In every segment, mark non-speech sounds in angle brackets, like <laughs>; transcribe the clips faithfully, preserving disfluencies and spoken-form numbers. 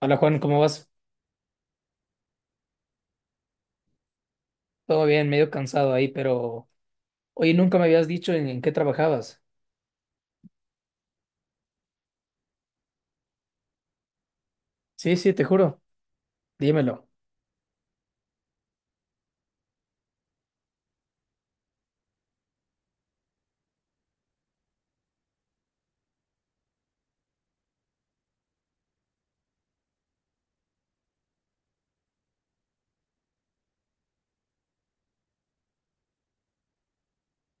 Hola Juan, ¿cómo vas? Todo bien, medio cansado ahí, pero oye, nunca me habías dicho en, en qué trabajabas. Sí, sí, te juro, dímelo.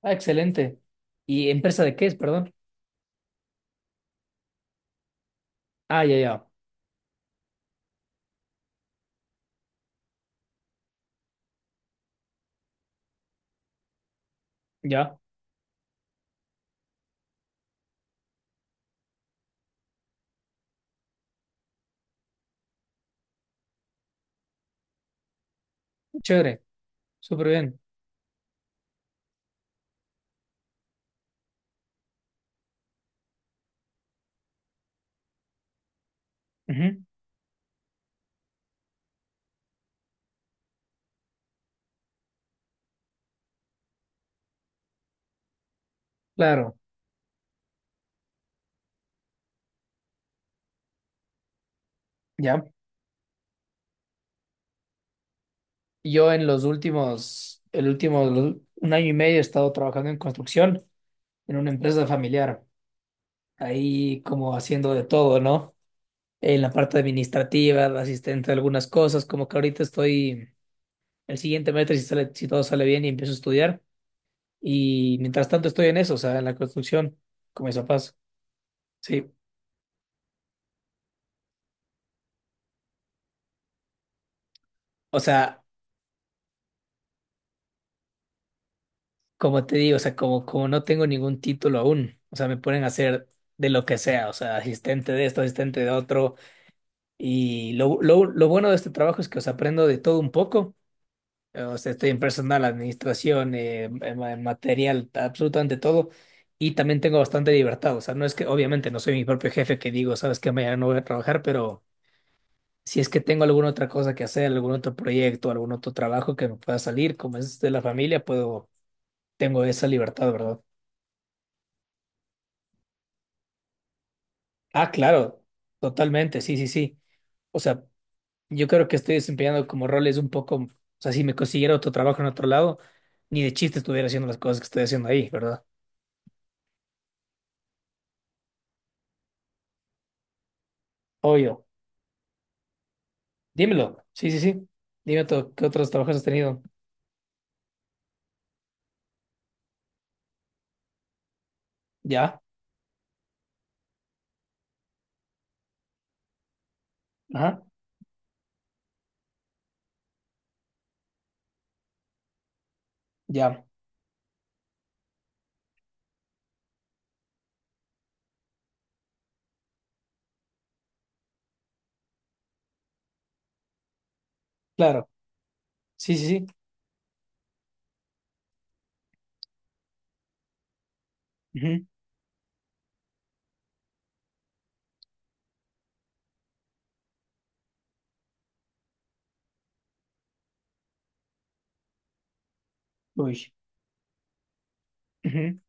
Ah, excelente. ¿Y empresa de qué es, perdón? Ah, ya, ya, ya. Chévere, súper bien. Ujú, claro, ya. Yo en los últimos, el último, un año y medio he estado trabajando en construcción en una empresa familiar, ahí como haciendo de todo, ¿no? En la parte administrativa, de asistente de algunas cosas, como que ahorita estoy el siguiente mes, si sale, si todo sale bien y empiezo a estudiar. Y mientras tanto estoy en eso, o sea, en la construcción, con mis papás. Sí, o sea, como te digo, o sea, como, como no tengo ningún título aún, o sea, me ponen a hacer de lo que sea, o sea, asistente de esto, asistente de otro. Y lo, lo, lo bueno de este trabajo es que, os aprendo de todo un poco. O sea, estoy en personal, administración, eh, en ma- en material, absolutamente todo. Y también tengo bastante libertad, o sea, no es que, obviamente, no soy mi propio jefe que digo, sabes que mañana no voy a trabajar, pero si es que tengo alguna otra cosa que hacer, algún otro proyecto, algún otro trabajo que me pueda salir, como es de la familia, puedo, tengo esa libertad, ¿verdad? Ah, claro, totalmente, sí, sí, sí. O sea, yo creo que estoy desempeñando como roles un poco, o sea, si me consiguiera otro trabajo en otro lado, ni de chiste estuviera haciendo las cosas que estoy haciendo ahí, ¿verdad? Obvio. Dímelo. Sí, sí, sí. Dime tú, ¿qué otros trabajos has tenido? Ya. Ajá. Ya. Claro. Sí, sí, sí. Ujú. Uy. Ujú.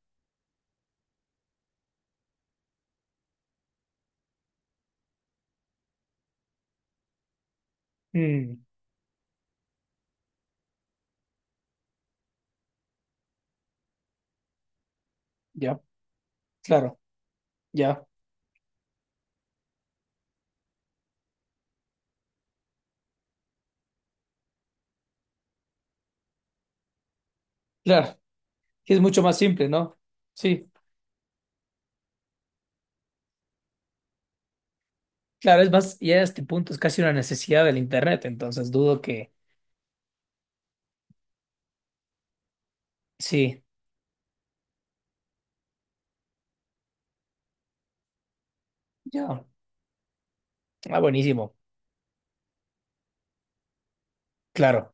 Mm. Ya. Claro. Ya. Claro. Sí, es mucho más simple, ¿no? Sí, claro, es más, ya a este punto es casi una necesidad del Internet, entonces dudo que... Sí, ya. Ah, buenísimo, claro.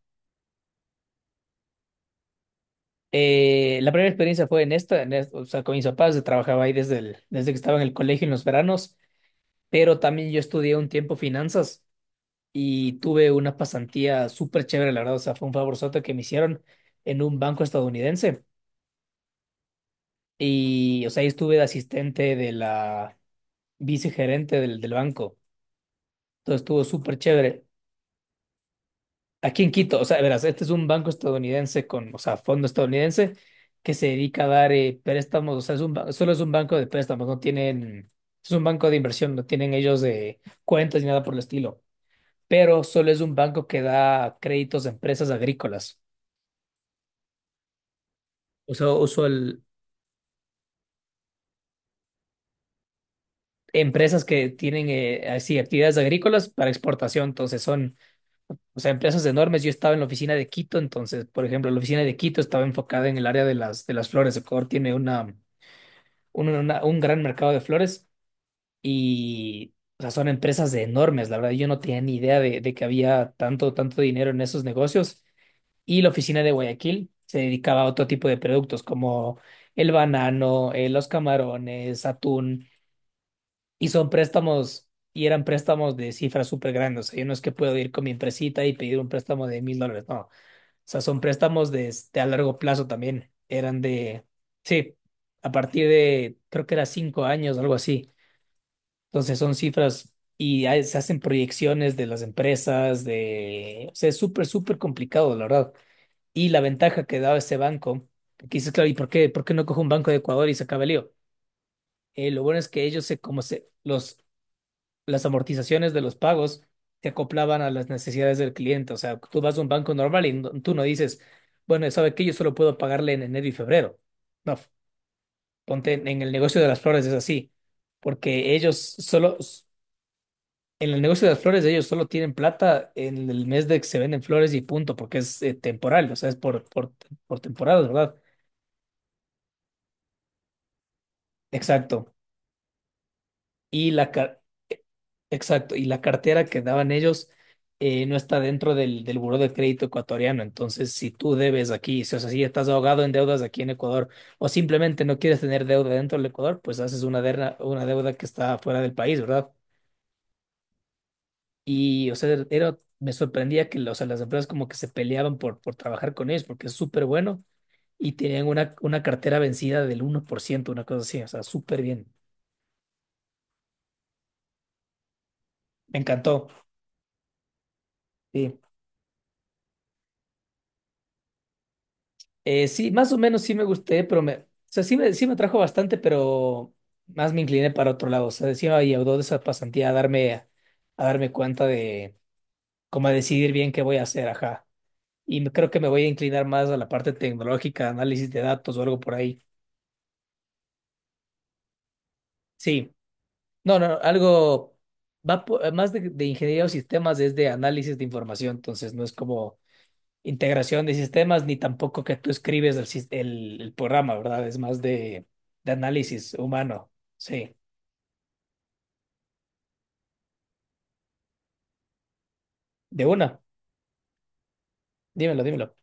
Eh, la primera experiencia fue en esta, en esta, o sea, con mis papás, yo trabajaba ahí desde, el- desde que estaba en el colegio en los veranos, pero también yo estudié un tiempo finanzas y tuve una pasantía súper chévere, la verdad, o sea, fue un favorzote que me hicieron en un banco estadounidense y, o sea, ahí estuve de asistente de la vicegerente del, del banco. Entonces estuvo súper chévere. Aquí en Quito, o sea, verás, este es un banco estadounidense con, o sea, fondo estadounidense que se dedica a dar eh, préstamos, o sea, es un, ba- solo es un banco de préstamos, no tienen, es un banco de inversión, no tienen ellos de cuentas ni nada por el estilo, pero solo es un banco que da créditos a empresas agrícolas, o sea, uso el, empresas que tienen eh, así actividades agrícolas para exportación, entonces son o sea, empresas enormes. Yo estaba en la oficina de Quito, entonces, por ejemplo, la oficina de Quito estaba enfocada en el área de las, de las flores. Ecuador tiene una, un, una- un gran mercado de flores y, o sea, son empresas enormes. La verdad, yo no tenía ni idea de, de que había tanto, tanto dinero en esos negocios. Y la oficina de Guayaquil se dedicaba a otro tipo de productos como el banano, eh, los camarones, atún. Y son préstamos, y eran préstamos de cifras súper grandes. O sea, yo no es que puedo ir con mi empresita y pedir un préstamo de mil dólares, no sea, son préstamos de, este, a largo plazo también. Eran de, sí, a partir de, creo que era cinco años, algo así. Entonces son cifras y hay- se hacen proyecciones de las empresas, de, o sea, es súper, súper complicado, la verdad. Y la ventaja que daba ese banco, que dices, claro, ¿y por qué, por qué no cojo un banco de Ecuador y se acaba el lío? Eh, lo bueno es que ellos se, como se, los las amortizaciones de los pagos se acoplaban a las necesidades del cliente. O sea, tú vas a un banco normal y no- tú no dices, bueno, ¿sabe qué? Yo solo puedo pagarle en enero y febrero. No, ponte en en el negocio de las flores es así, porque ellos solo, en el negocio de las flores ellos solo tienen plata en el mes de que se venden flores y punto, porque es eh, temporal, o sea, es por, por, por temporada, ¿verdad? Exacto. y la, car- Exacto, y la cartera que daban ellos eh, no está dentro del, del buró de crédito ecuatoriano. Entonces, si tú debes aquí, si, o sea, si estás ahogado en deudas aquí en Ecuador o simplemente no quieres tener deuda dentro del Ecuador, pues haces una, derna- una deuda que está fuera del país, ¿verdad? Y, o sea, era, me sorprendía que o sea, las empresas como que se peleaban por, por trabajar con ellos porque es súper bueno y tenían una, una cartera vencida del uno por ciento una cosa así, o sea, súper bien. Me encantó. Sí. Eh, sí, más o menos sí me gusté, pero me, o sea, sí me, sí me atrajo bastante, pero más me incliné para otro lado. O sea, sí me ayudó de esa pasantía a darme, a darme, cuenta de cómo a decidir bien qué voy a hacer, ajá. Y me- creo que me voy a inclinar más a la parte tecnológica, análisis de datos o algo por ahí. Sí, no, no, algo va po- más de, de ingeniería o sistemas es de análisis de información, entonces no es como integración de sistemas, ni tampoco que tú escribes el, sis- el, el programa, ¿verdad? Es más de, de análisis humano. Sí, de una. Dímelo, dímelo.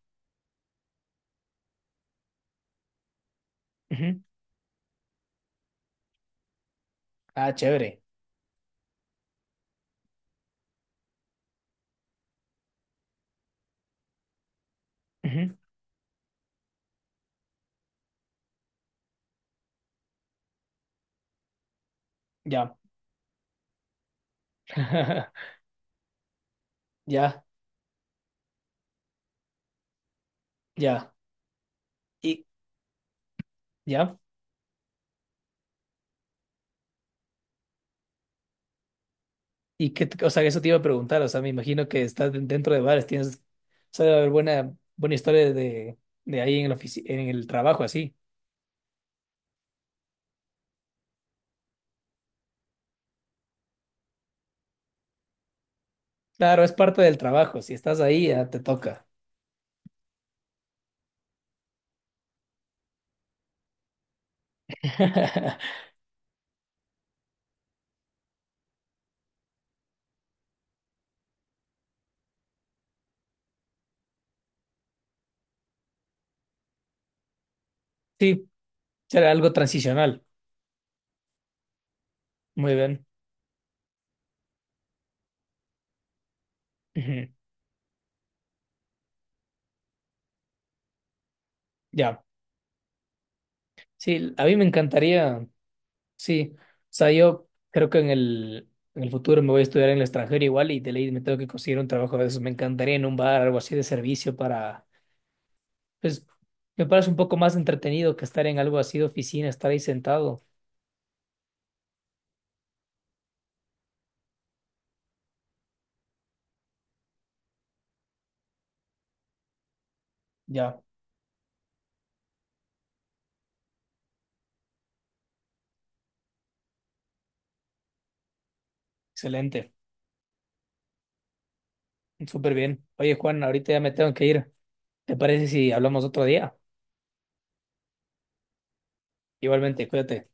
Ujú. Ah, chévere. Ujú. Ya. <laughs> Ya, ya. Y ya. Y qué, o sea, eso te iba a preguntar. O sea, me imagino que estás den- dentro de bares, tienes, o sea, debe haber buena, buena historia de, de, ahí en el ofici- en el trabajo, así. Claro, es parte del trabajo. Si estás ahí, ya te toca. <laughs> Sí, será algo transicional. Muy bien. Ujú, ya, sí, a mí me encantaría, sí, o sea, yo creo que en el, en el futuro me voy a estudiar en el extranjero igual y de ley me tengo que conseguir un trabajo de esos, me encantaría en un bar, algo así de servicio para, pues, me parece un poco más entretenido que estar en algo así de oficina, estar ahí sentado, ya, excelente, súper bien. Oye, Juan, ahorita ya me tengo que ir, ¿te parece si hablamos otro día? Igualmente, cuídate.